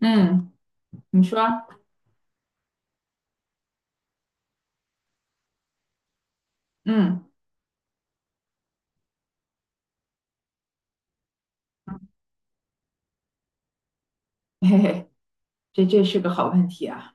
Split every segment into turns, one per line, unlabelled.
嗯。你说，嗯，嘿嘿，这是个好问题啊。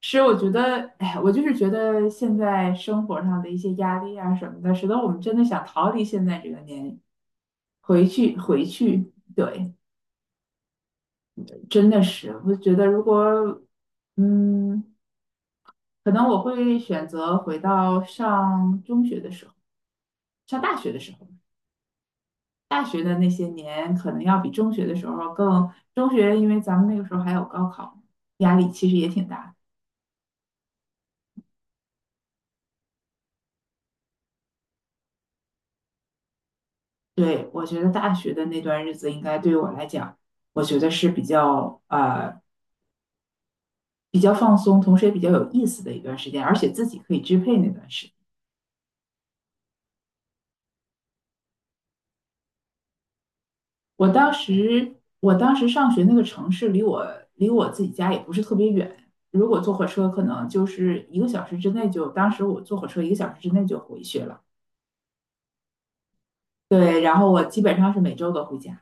是，我觉得，哎，我就是觉得现在生活上的一些压力啊什么的，使得我们真的想逃离现在这个年，回去，回去，对，真的是。我觉得如果，嗯，可能我会选择回到上中学的时候，上大学的时候，大学的那些年，可能要比中学的时候更，中学因为咱们那个时候还有高考，压力其实也挺大的。对，我觉得大学的那段日子应该对我来讲，我觉得是比较比较放松，同时也比较有意思的一段时间，而且自己可以支配那段时间。我当时上学那个城市离我，自己家也不是特别远，如果坐火车可能就是一个小时之内就，当时我坐火车一个小时之内就回去了。对，然后我基本上是每周都回家。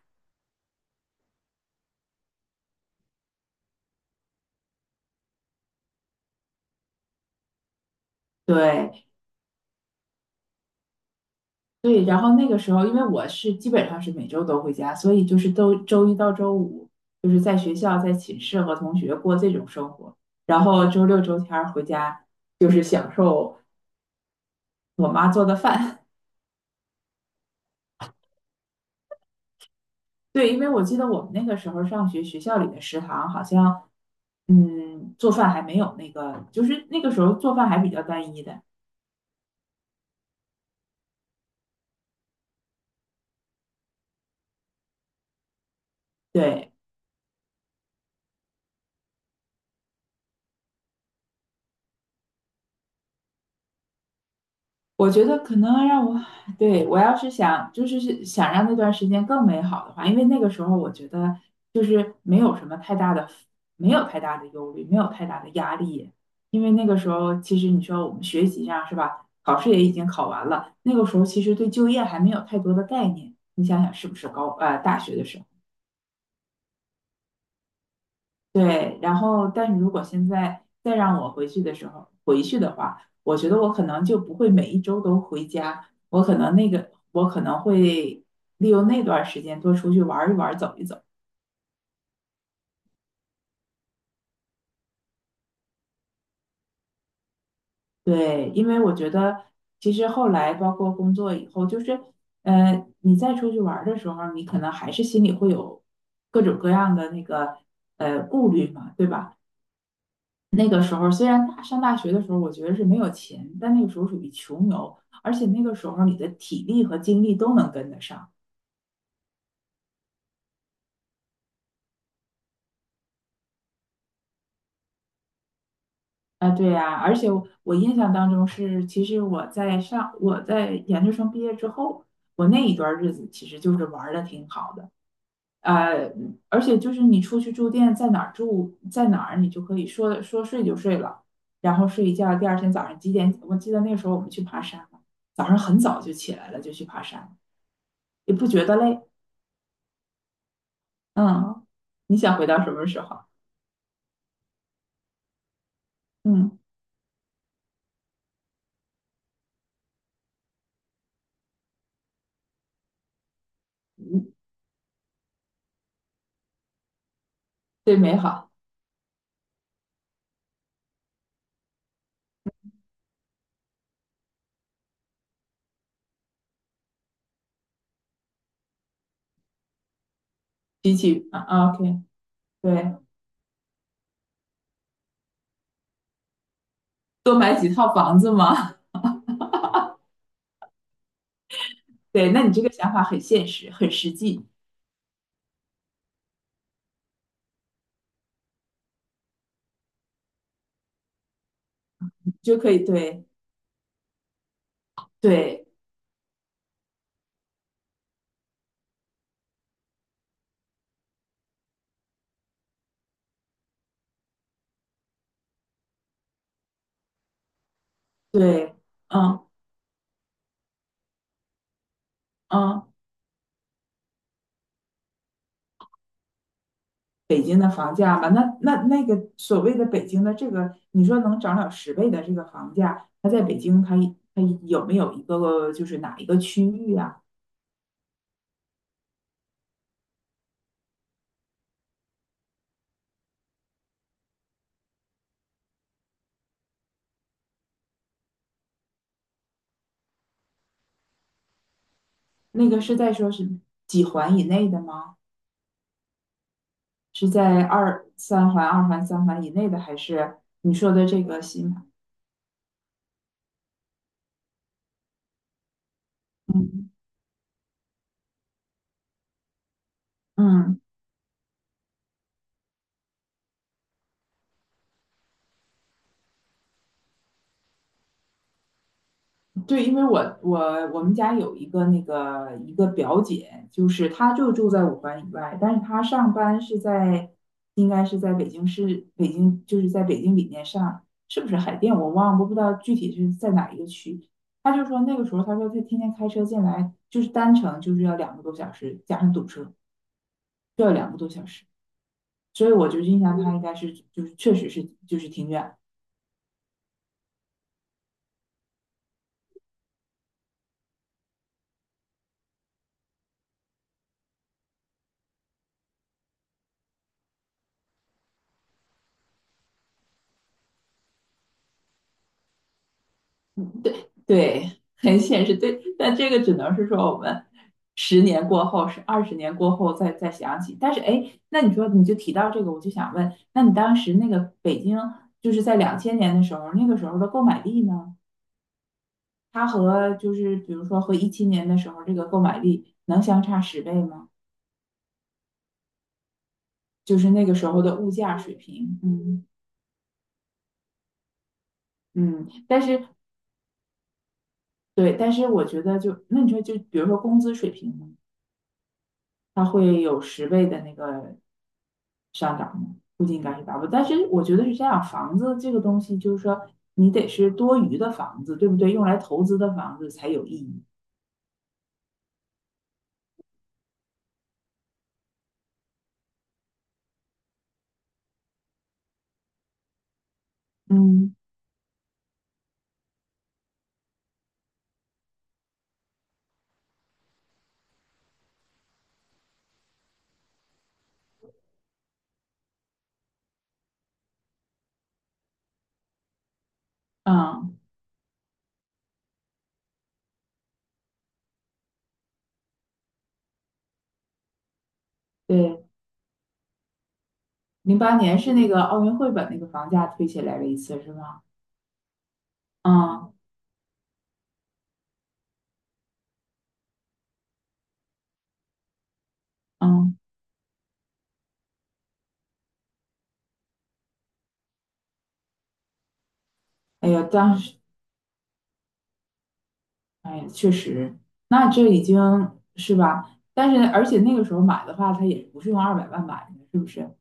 对，对，然后那个时候，因为我是基本上是每周都回家，所以就是都周一到周五就是在学校、在寝室和同学过这种生活，然后周六周天儿回家就是享受我妈做的饭。对，因为我记得我们那个时候上学，学校里的食堂好像，嗯，做饭还没有那个，就是那个时候做饭还比较单一的。对，我觉得可能让我，对，我要是想，就是是想让那段时间更美好的话，因为那个时候我觉得就是没有什么太大的，没有太大的忧虑，没有太大的压力，因为那个时候其实你说我们学习上是吧，考试也已经考完了，那个时候其实对就业还没有太多的概念，你想想是不是高，大学的时候。对，然后但是如果现在再让我回去的时候回去的话，我觉得我可能就不会每一周都回家，我可能那个我可能会利用那段时间多出去玩一玩走一走。对，因为我觉得其实后来包括工作以后，就是你再出去玩儿的时候，你可能还是心里会有各种各样的那个顾虑嘛，对吧？那个时候虽然大上大学的时候，我觉得是没有钱，但那个时候属于穷游，而且那个时候你的体力和精力都能跟得上。啊，对呀，而且我印象当中是，其实我在上我在研究生毕业之后，我那一段日子其实就是玩的挺好的。呃，而且就是你出去住店，在哪儿住在哪儿，你就可以说说睡就睡了，然后睡一觉，第二天早上几点？我记得那个时候我们去爬山，早上很早就起来了，就去爬山，也不觉得累。嗯，你想回到什么时候？嗯，嗯最美好，比起啊 o k 对，多买几套房子嘛。对，那你这个想法很现实，很实际，就可以对对对。嗯嗯，北京的房价吧？那个所谓的北京的这个，你说能涨了十倍的这个房价，它在北京，它有没有一个就是哪一个区域啊？那个是在说是几环以内的吗？是在二三环、二环、三环以内的，还是你说的这个新盘？嗯嗯，对，因为我我们家有一个那个一个表姐，就是她就住在五环以外，但是她上班是在应该是在北京市，北京就是在北京里面上，是不是海淀？我忘了，我不知道具体是在哪一个区。她就说那个时候，她说她天天开车进来，就是单程就是要两个多小时，加上堵车，就要两个多小时。所以我就印象他应该是就是确实是就是挺远。对，很现实，对，但这个只能是说我们十年过后，是20年过后再想起。但是，哎，那你说你就提到这个，我就想问，那你当时那个北京，就是在2000年的时候，那个时候的购买力呢？它和就是比如说和17年的时候这个购买力能相差十倍吗？就是那个时候的物价水平，嗯嗯，但是对，但是我觉得就那你说就比如说工资水平呢？它会有十倍的那个促应感是达不到。但是我觉得是这样，房子这个东西就是说，你得是多余的房子，对不对？用来投资的房子才有意义。嗯嗯。对，08年是那个奥运会把那个房价推起来了一次，是吗？嗯嗯，哎呀，当时，哎呀，确实，那这已经是吧？但是而且那个时候买的话，它也不是用200万买的，是不是？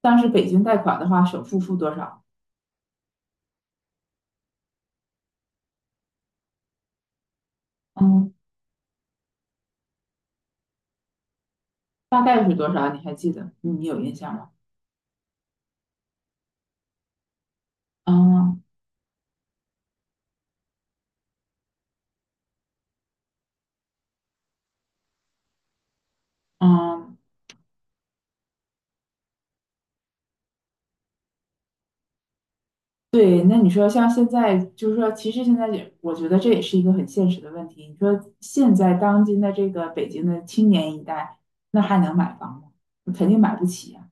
当时北京贷款的话，首付付多少？嗯。大概是多少？你还记得？你有印象吗？嗯嗯。对，那你说像现在，就是说，其实现在也，我觉得这也是一个很现实的问题。你说现在当今的这个北京的青年一代，那还能买房吗？肯定买不起呀、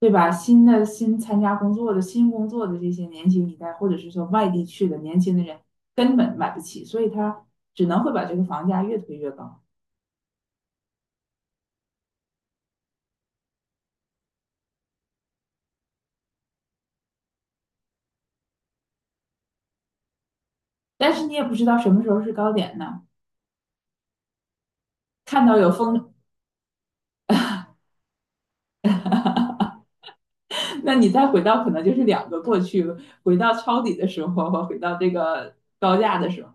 对吧？新的新参加工作的新工作的这些年轻一代，或者是说外地去的年轻的人，根本买不起，所以他只能会把这个房价越推越高。但是你也不知道什么时候是高点呢。看到有风 那你再回到可能就是两个过去，回到抄底的时候和回到这个高价的时候，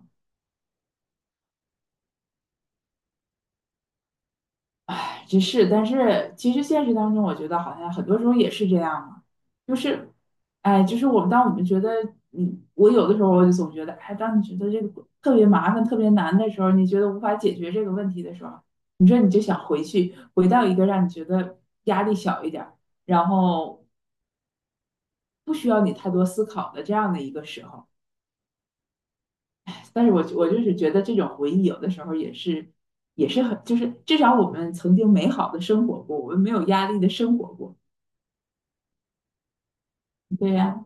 哎，这是。但是其实现实当中，我觉得好像很多时候也是这样嘛，就是，哎，就是我们当我们觉得，我有的时候我就总觉得，哎，当你觉得这个特别麻烦、特别难的时候，你觉得无法解决这个问题的时候，你说你就想回去，回到一个让你觉得压力小一点儿，然后不需要你太多思考的这样的一个时候。但是我就是觉得这种回忆有的时候也是很，就是至少我们曾经美好的生活过，我们没有压力的生活过。对呀，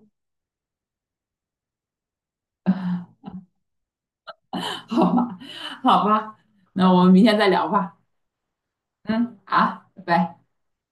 好吧，好吧，那我们明天再聊吧。嗯，好，拜拜。